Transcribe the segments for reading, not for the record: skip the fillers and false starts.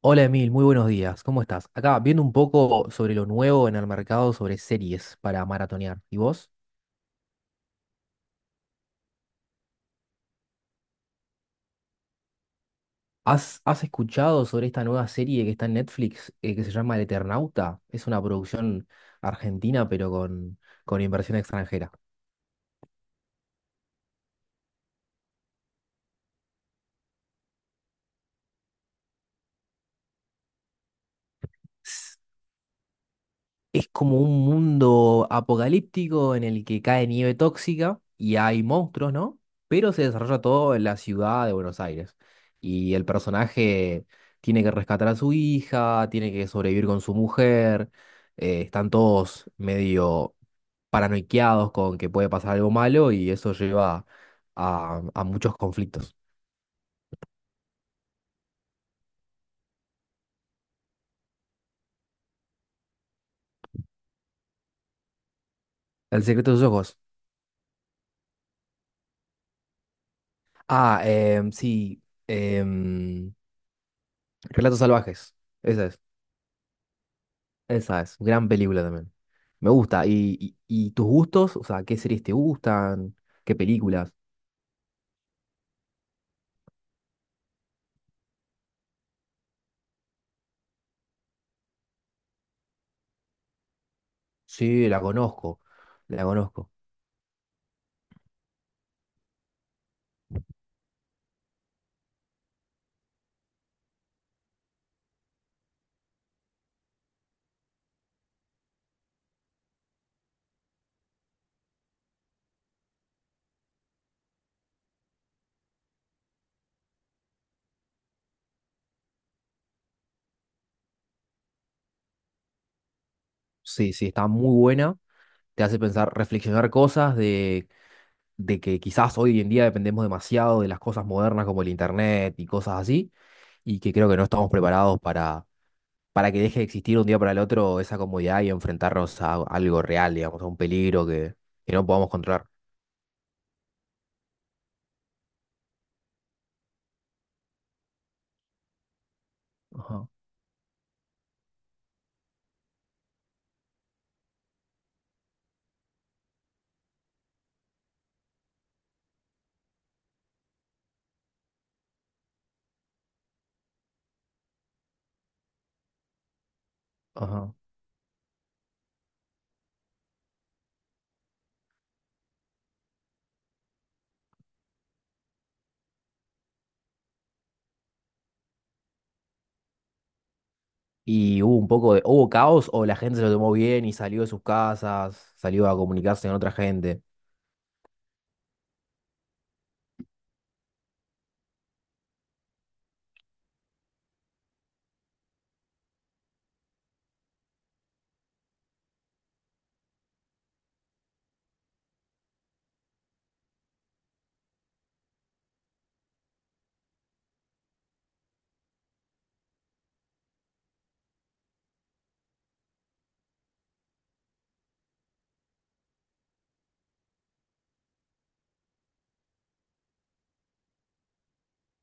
Hola Emil, muy buenos días. ¿Cómo estás? Acá viendo un poco sobre lo nuevo en el mercado sobre series para maratonear. ¿Y vos? ¿Has escuchado sobre esta nueva serie que está en Netflix, que se llama El Eternauta? Es una producción argentina pero con inversión extranjera. Es como un mundo apocalíptico en el que cae nieve tóxica y hay monstruos, ¿no? Pero se desarrolla todo en la ciudad de Buenos Aires. Y el personaje tiene que rescatar a su hija, tiene que sobrevivir con su mujer. Están todos medio paranoiqueados con que puede pasar algo malo y eso lleva a muchos conflictos. El secreto de sus ojos. Ah, sí. em, Relatos salvajes. esa Esa es, gran película también. Me gusta. ¿Y tus gustos? O sea, ¿qué series te gustan? ¿Qué películas? Sí, la conozco. La conozco. Sí, sí, está muy buena. Te hace pensar, reflexionar cosas de que quizás hoy en día dependemos demasiado de las cosas modernas como el internet y cosas así, y que creo que no estamos preparados para que deje de existir un día para el otro esa comodidad y enfrentarnos a algo real, digamos, a un peligro que no podamos controlar. Ajá, ajá. Y hubo un poco de, hubo caos o la gente se lo tomó bien y salió de sus casas, salió a comunicarse con otra gente.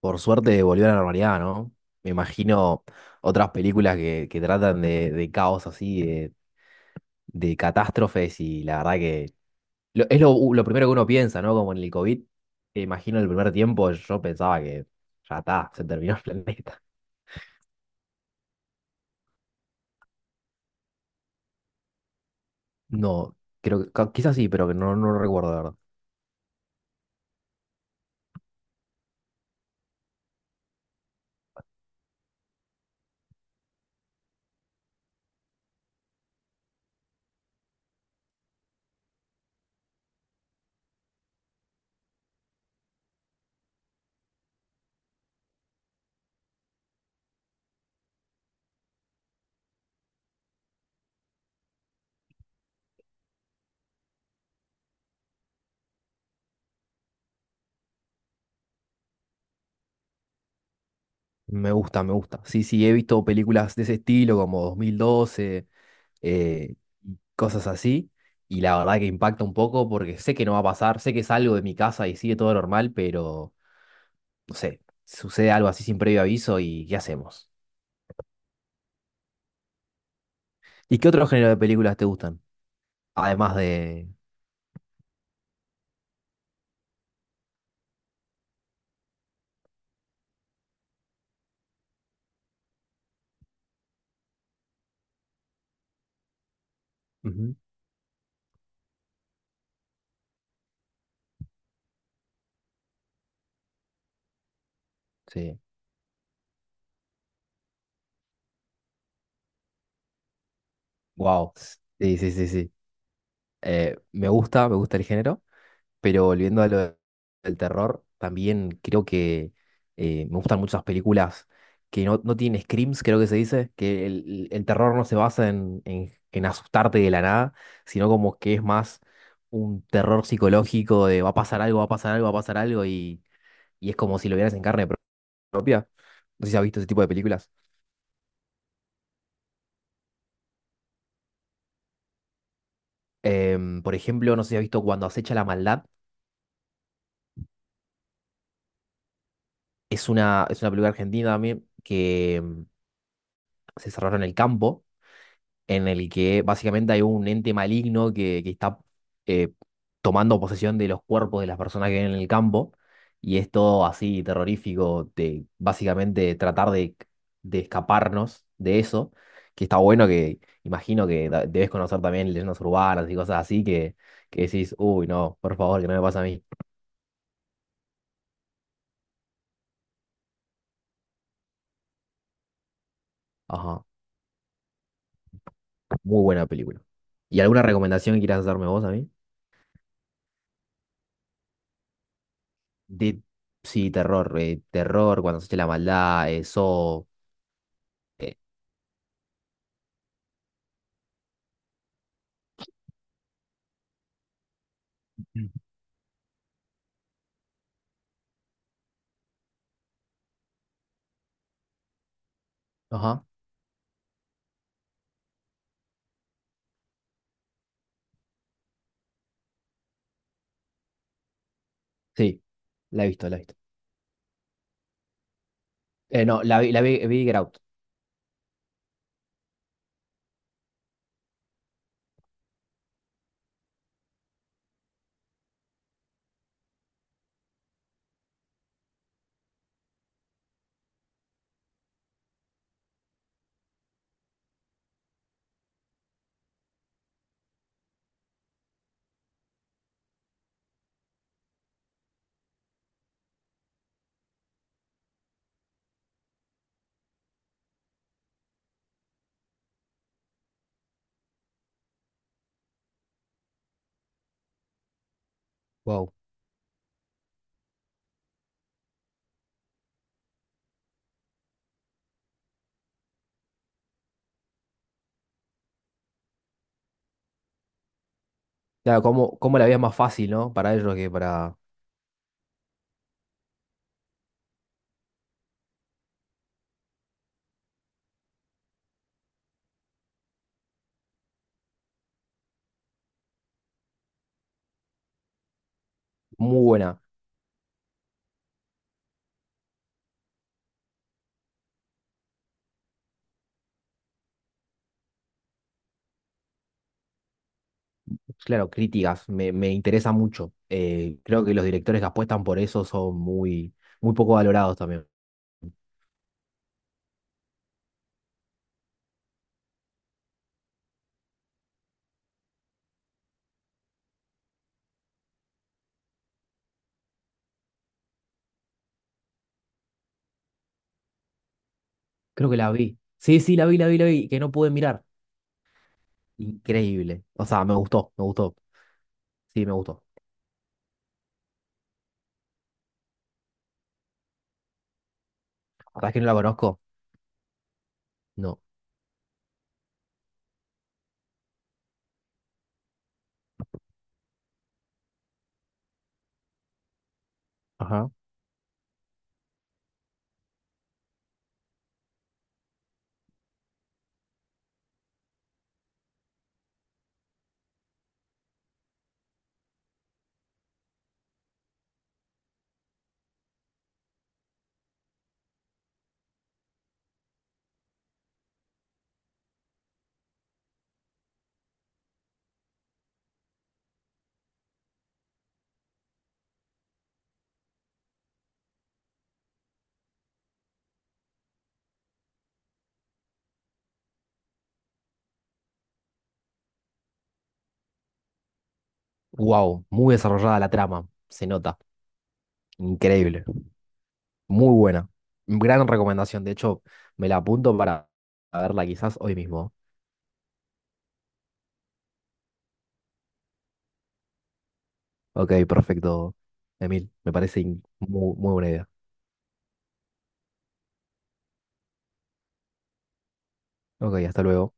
Por suerte volvió a la normalidad, ¿no? Me imagino otras películas que tratan de caos así, de catástrofes y la verdad que es lo primero que uno piensa, ¿no? Como en el COVID, me imagino el primer tiempo yo pensaba que ya está, se terminó el planeta. No, creo que quizás sí, pero que no, no lo recuerdo, la verdad. Me gusta, me gusta. Sí, sí, he visto películas de ese estilo como 2012. eh, y cosas así. Y la verdad que impacta un poco porque sé que no va a pasar, sé que salgo de mi casa y sigue todo normal, pero no sé, sucede algo así sin previo aviso y ¿qué hacemos? ¿Y qué otro género de películas te gustan? Además de... Ujú. Sí, wow. Sí, sí, sí, sí. Me gusta el género. Pero volviendo a lo del terror, también creo que me gustan muchas películas que no, no tienen screams, creo que se dice, que el terror no se basa en, en asustarte de la nada, sino como que es más un terror psicológico de va a pasar algo, va a pasar algo, va a pasar algo, y es como si lo vieras en carne propia. No sé si has visto ese tipo de películas. Por ejemplo, no sé si has visto Cuando acecha la maldad. Es una película argentina también que se desarrolla en el campo en el que básicamente hay un ente maligno que está eh, tomando posesión de los cuerpos de las personas que viven en el campo, y es todo así terrorífico, de básicamente tratar de escaparnos de eso, que está bueno que imagino que debes conocer también leyendas urbanas y cosas así que decís, uy, no, por favor, que no me pase a mí. Ajá, muy buena película. ¿Y alguna recomendación que quieras hacerme vos a mí? De, sí, terror, terror, cuando se eche la maldad, eso eh. Ajá. Sí, la he visto, la he visto. No, la vi, vi Get Out. Wow. Claro, cómo, cómo la vida es más fácil, ¿no? Para ellos que para... Muy buena. Claro, críticas, me interesa mucho. Creo que los directores que apuestan por eso son muy, muy poco valorados también. Creo que la vi. Sí, sí, la vi, la vi, la vi, que no pude mirar. Increíble. O sea, me gustó, me gustó. Sí, me gustó. ¿Sabes que no la conozco? No. Ajá. Wow, muy desarrollada la trama. Se nota. Increíble. Muy buena. Gran recomendación. De hecho, me la apunto para verla quizás hoy mismo. Ok, perfecto, Emil. Me parece muy, muy buena idea. Ok, hasta luego.